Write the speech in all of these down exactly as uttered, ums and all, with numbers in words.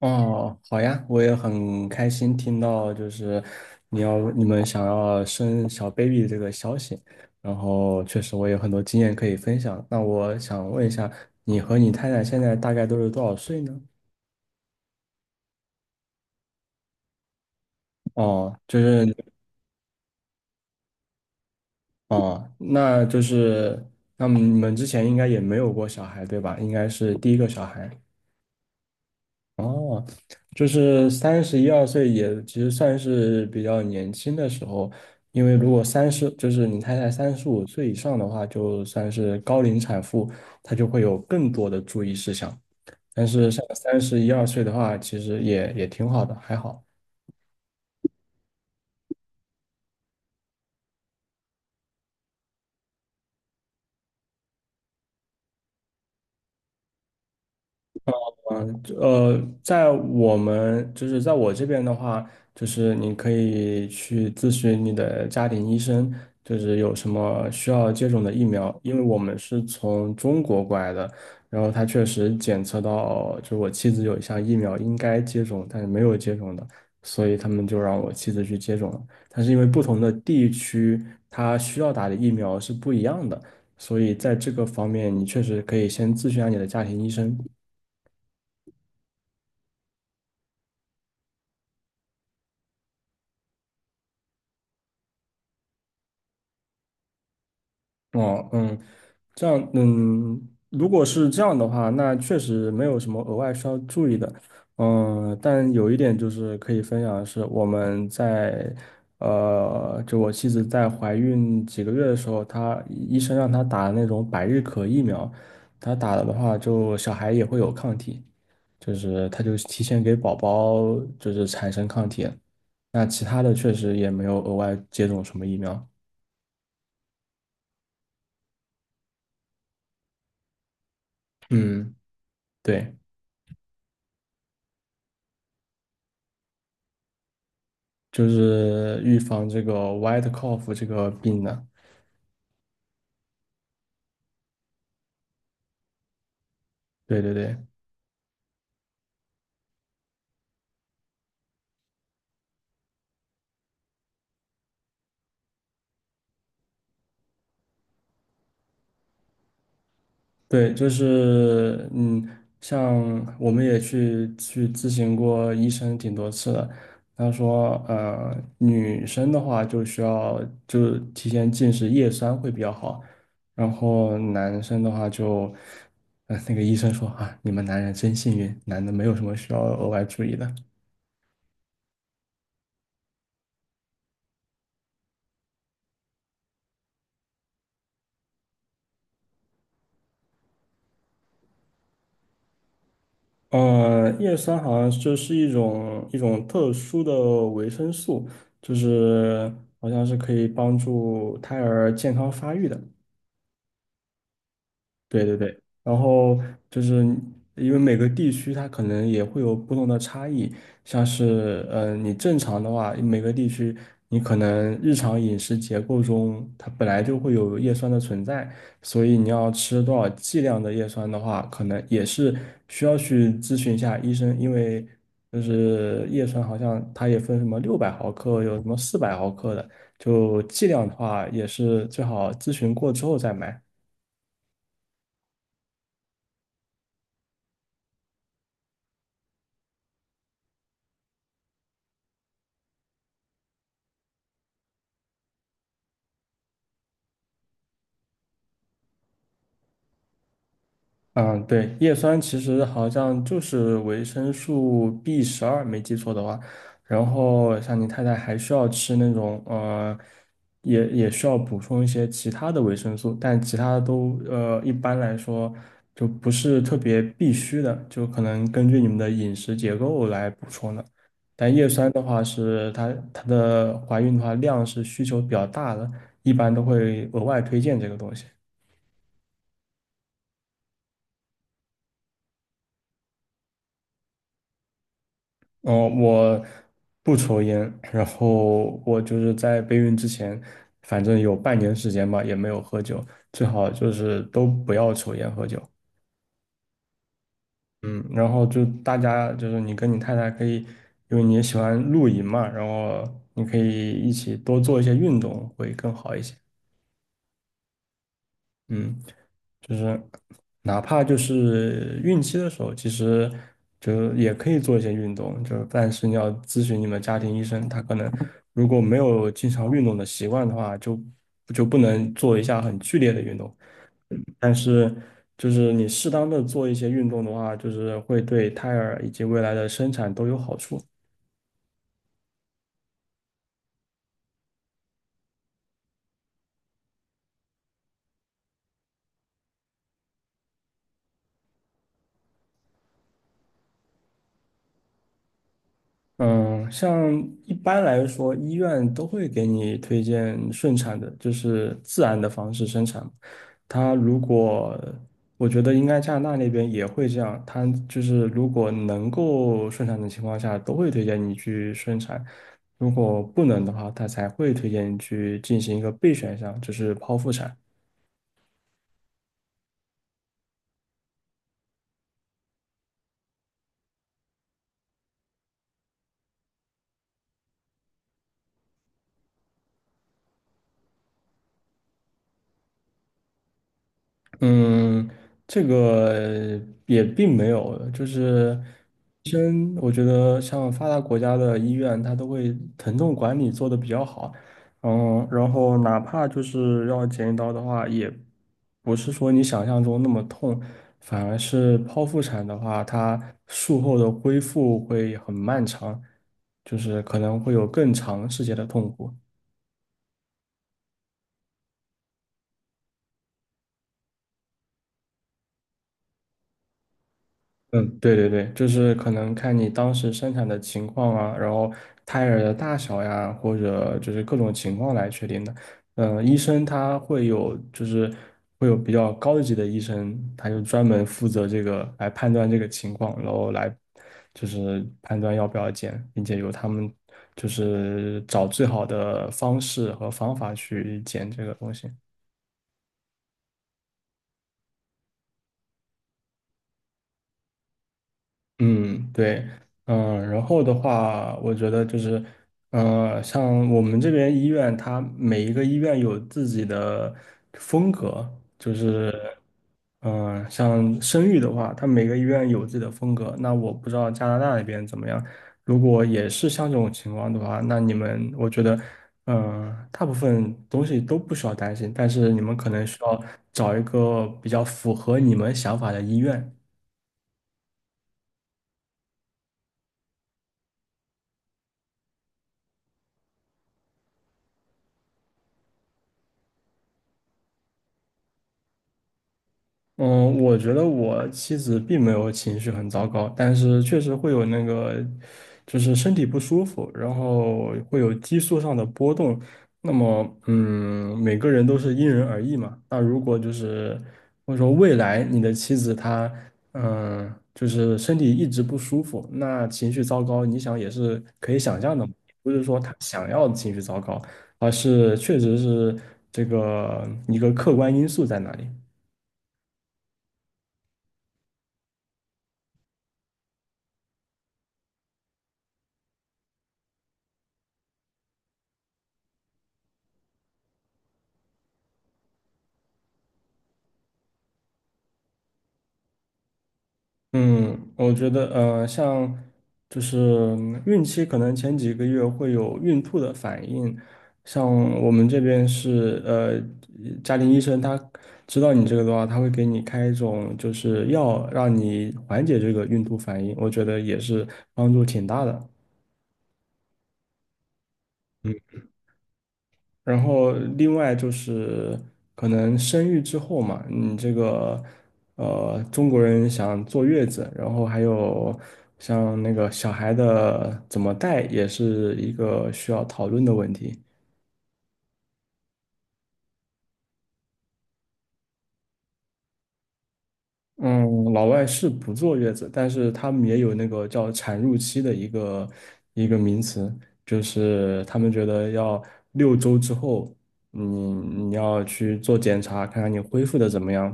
哦，好呀，我也很开心听到就是你要你们想要生小 baby 这个消息，然后确实我有很多经验可以分享。那我想问一下，你和你太太现在大概都是多少岁呢？哦，就是。哦，那就是。那你们之前应该也没有过小孩，对吧？应该是第一个小孩。哦，就是三十一二岁也其实算是比较年轻的时候，因为如果三十，就是你太太三十五岁以上的话，就算是高龄产妇，她就会有更多的注意事项。但是像三十一二岁的话，其实也也挺好的，还好。嗯，呃，在我们就是在我这边的话，就是你可以去咨询你的家庭医生，就是有什么需要接种的疫苗，因为我们是从中国过来的，然后他确实检测到，就是我妻子有一项疫苗应该接种，但是没有接种的，所以他们就让我妻子去接种了。但是因为不同的地区，它需要打的疫苗是不一样的，所以在这个方面，你确实可以先咨询一下你的家庭医生。哦，嗯。这样，嗯，如果是这样的话，那确实没有什么额外需要注意的。嗯，但有一点就是可以分享的是，我们在呃，就我妻子在怀孕几个月的时候，她医生让她打那种百日咳疫苗，她打了的话，就小孩也会有抗体，就是她就提前给宝宝就是产生抗体了。那其他的确实也没有额外接种什么疫苗。嗯，对。就是预防这个 white cough 这个病的。对对对对。就是嗯，像我们也去去咨询过医生挺多次的，他说呃，女生的话就需要就提前进食叶酸会比较好，然后男生的话就，呃，那个医生说啊，你们男人真幸运，男的没有什么需要额外注意的。呃，叶酸好像就是一种一种特殊的维生素，就是好像是可以帮助胎儿健康发育的。对对对，然后就是因为每个地区它可能也会有不同的差异，像是嗯，你正常的话，每个地区你可能日常饮食结构中它本来就会有叶酸的存在，所以你要吃多少剂量的叶酸的话，可能也是需要去咨询一下医生，因为就是叶酸好像它也分什么六百毫克，有什么四百毫克的，就剂量的话也是最好咨询过之后再买。嗯，对，叶酸其实好像就是维生素 B 十二，没记错的话。然后像你太太还需要吃那种呃，也也需要补充一些其他的维生素，但其他的都呃一般来说就不是特别必须的，就可能根据你们的饮食结构来补充的。但叶酸的话是它它的怀孕的话量是需求比较大的，一般都会额外推荐这个东西。嗯，我不抽烟，然后我就是在备孕之前，反正有半年时间吧，也没有喝酒，最好就是都不要抽烟喝酒。嗯，然后就大家就是你跟你太太可以，因为你也喜欢露营嘛，然后你可以一起多做一些运动会更好一些。嗯。就是哪怕就是孕期的时候，其实就也可以做一些运动，就但是你要咨询你们家庭医生，他可能如果没有经常运动的习惯的话，就就不能做一下很剧烈的运动。但是就是你适当的做一些运动的话，就是会对胎儿以及未来的生产都有好处。嗯，像一般来说，医院都会给你推荐顺产的，就是自然的方式生产。他如果，我觉得应该加拿大那边也会这样，他就是如果能够顺产的情况下，都会推荐你去顺产；如果不能的话，他才会推荐你去进行一个备选项，就是剖腹产。嗯，这个也并没有，就是医生，我觉得像发达国家的医院，它都会疼痛管理做得比较好，嗯，然后哪怕就是要剪一刀的话，也不是说你想象中那么痛，反而是剖腹产的话，它术后的恢复会很漫长，就是可能会有更长时间的痛苦。嗯，对对对，就是可能看你当时生产的情况啊，然后胎儿的大小呀，或者就是各种情况来确定的。嗯，医生他会有，就是会有比较高级的医生，他就专门负责这个来判断这个情况，然后来就是判断要不要剪，并且由他们就是找最好的方式和方法去剪这个东西。嗯，对。嗯，然后的话，我觉得就是，呃，像我们这边医院，它每一个医院有自己的风格。就是，嗯、像生育的话，它每个医院有自己的风格。那我不知道加拿大那边怎么样，如果也是像这种情况的话，那你们，我觉得，嗯、大部分东西都不需要担心，但是你们可能需要找一个比较符合你们想法的医院。嗯，我觉得我妻子并没有情绪很糟糕，但是确实会有那个，就是身体不舒服，然后会有激素上的波动。那么，嗯，每个人都是因人而异嘛。那如果就是或者说未来你的妻子她，嗯，就是身体一直不舒服，那情绪糟糕，你想也是可以想象的嘛，不是说她想要情绪糟糕，而是确实是这个一个客观因素在那里。嗯，我觉得呃，像就是嗯孕期可能前几个月会有孕吐的反应，像我们这边是呃，家庭医生他知道你这个的话，他会给你开一种就是药，让你缓解这个孕吐反应，我觉得也是帮助挺大的。然后另外就是可能生育之后嘛，你这个呃中国人想坐月子，然后还有像那个小孩的怎么带，也是一个需要讨论的问题。嗯，老外是不坐月子，但是他们也有那个叫产褥期的一个一个名词，就是他们觉得要六周之后，你你要去做检查，看看你恢复的怎么样，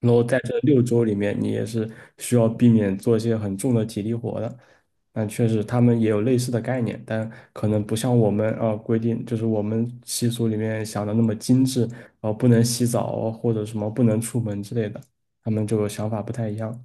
然后在这六周里面，你也是需要避免做一些很重的体力活的。但确实，他们也有类似的概念，但可能不像我们啊、呃规定，就是我们习俗里面想的那么精致，呃，不能洗澡或者什么不能出门之类的，他们就想法不太一样。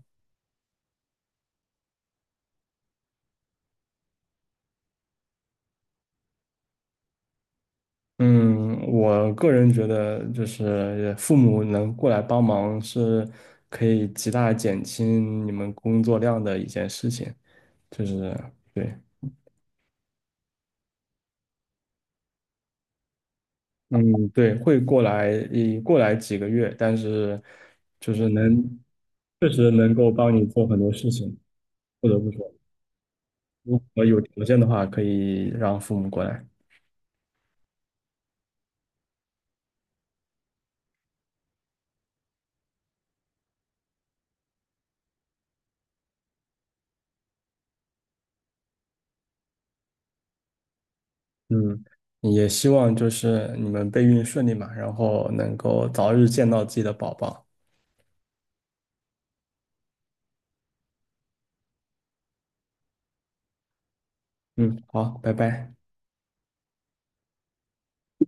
嗯，我个人觉得，就是父母能过来帮忙，是可以极大减轻你们工作量的一件事情。就是对。嗯，对，会过来，一过来几个月，但是就是能，确实能够帮你做很多事情，不得不说，如果有条件的话，可以让父母过来。嗯，也希望就是你们备孕顺利嘛，然后能够早日见到自己的宝宝。嗯，好，拜拜。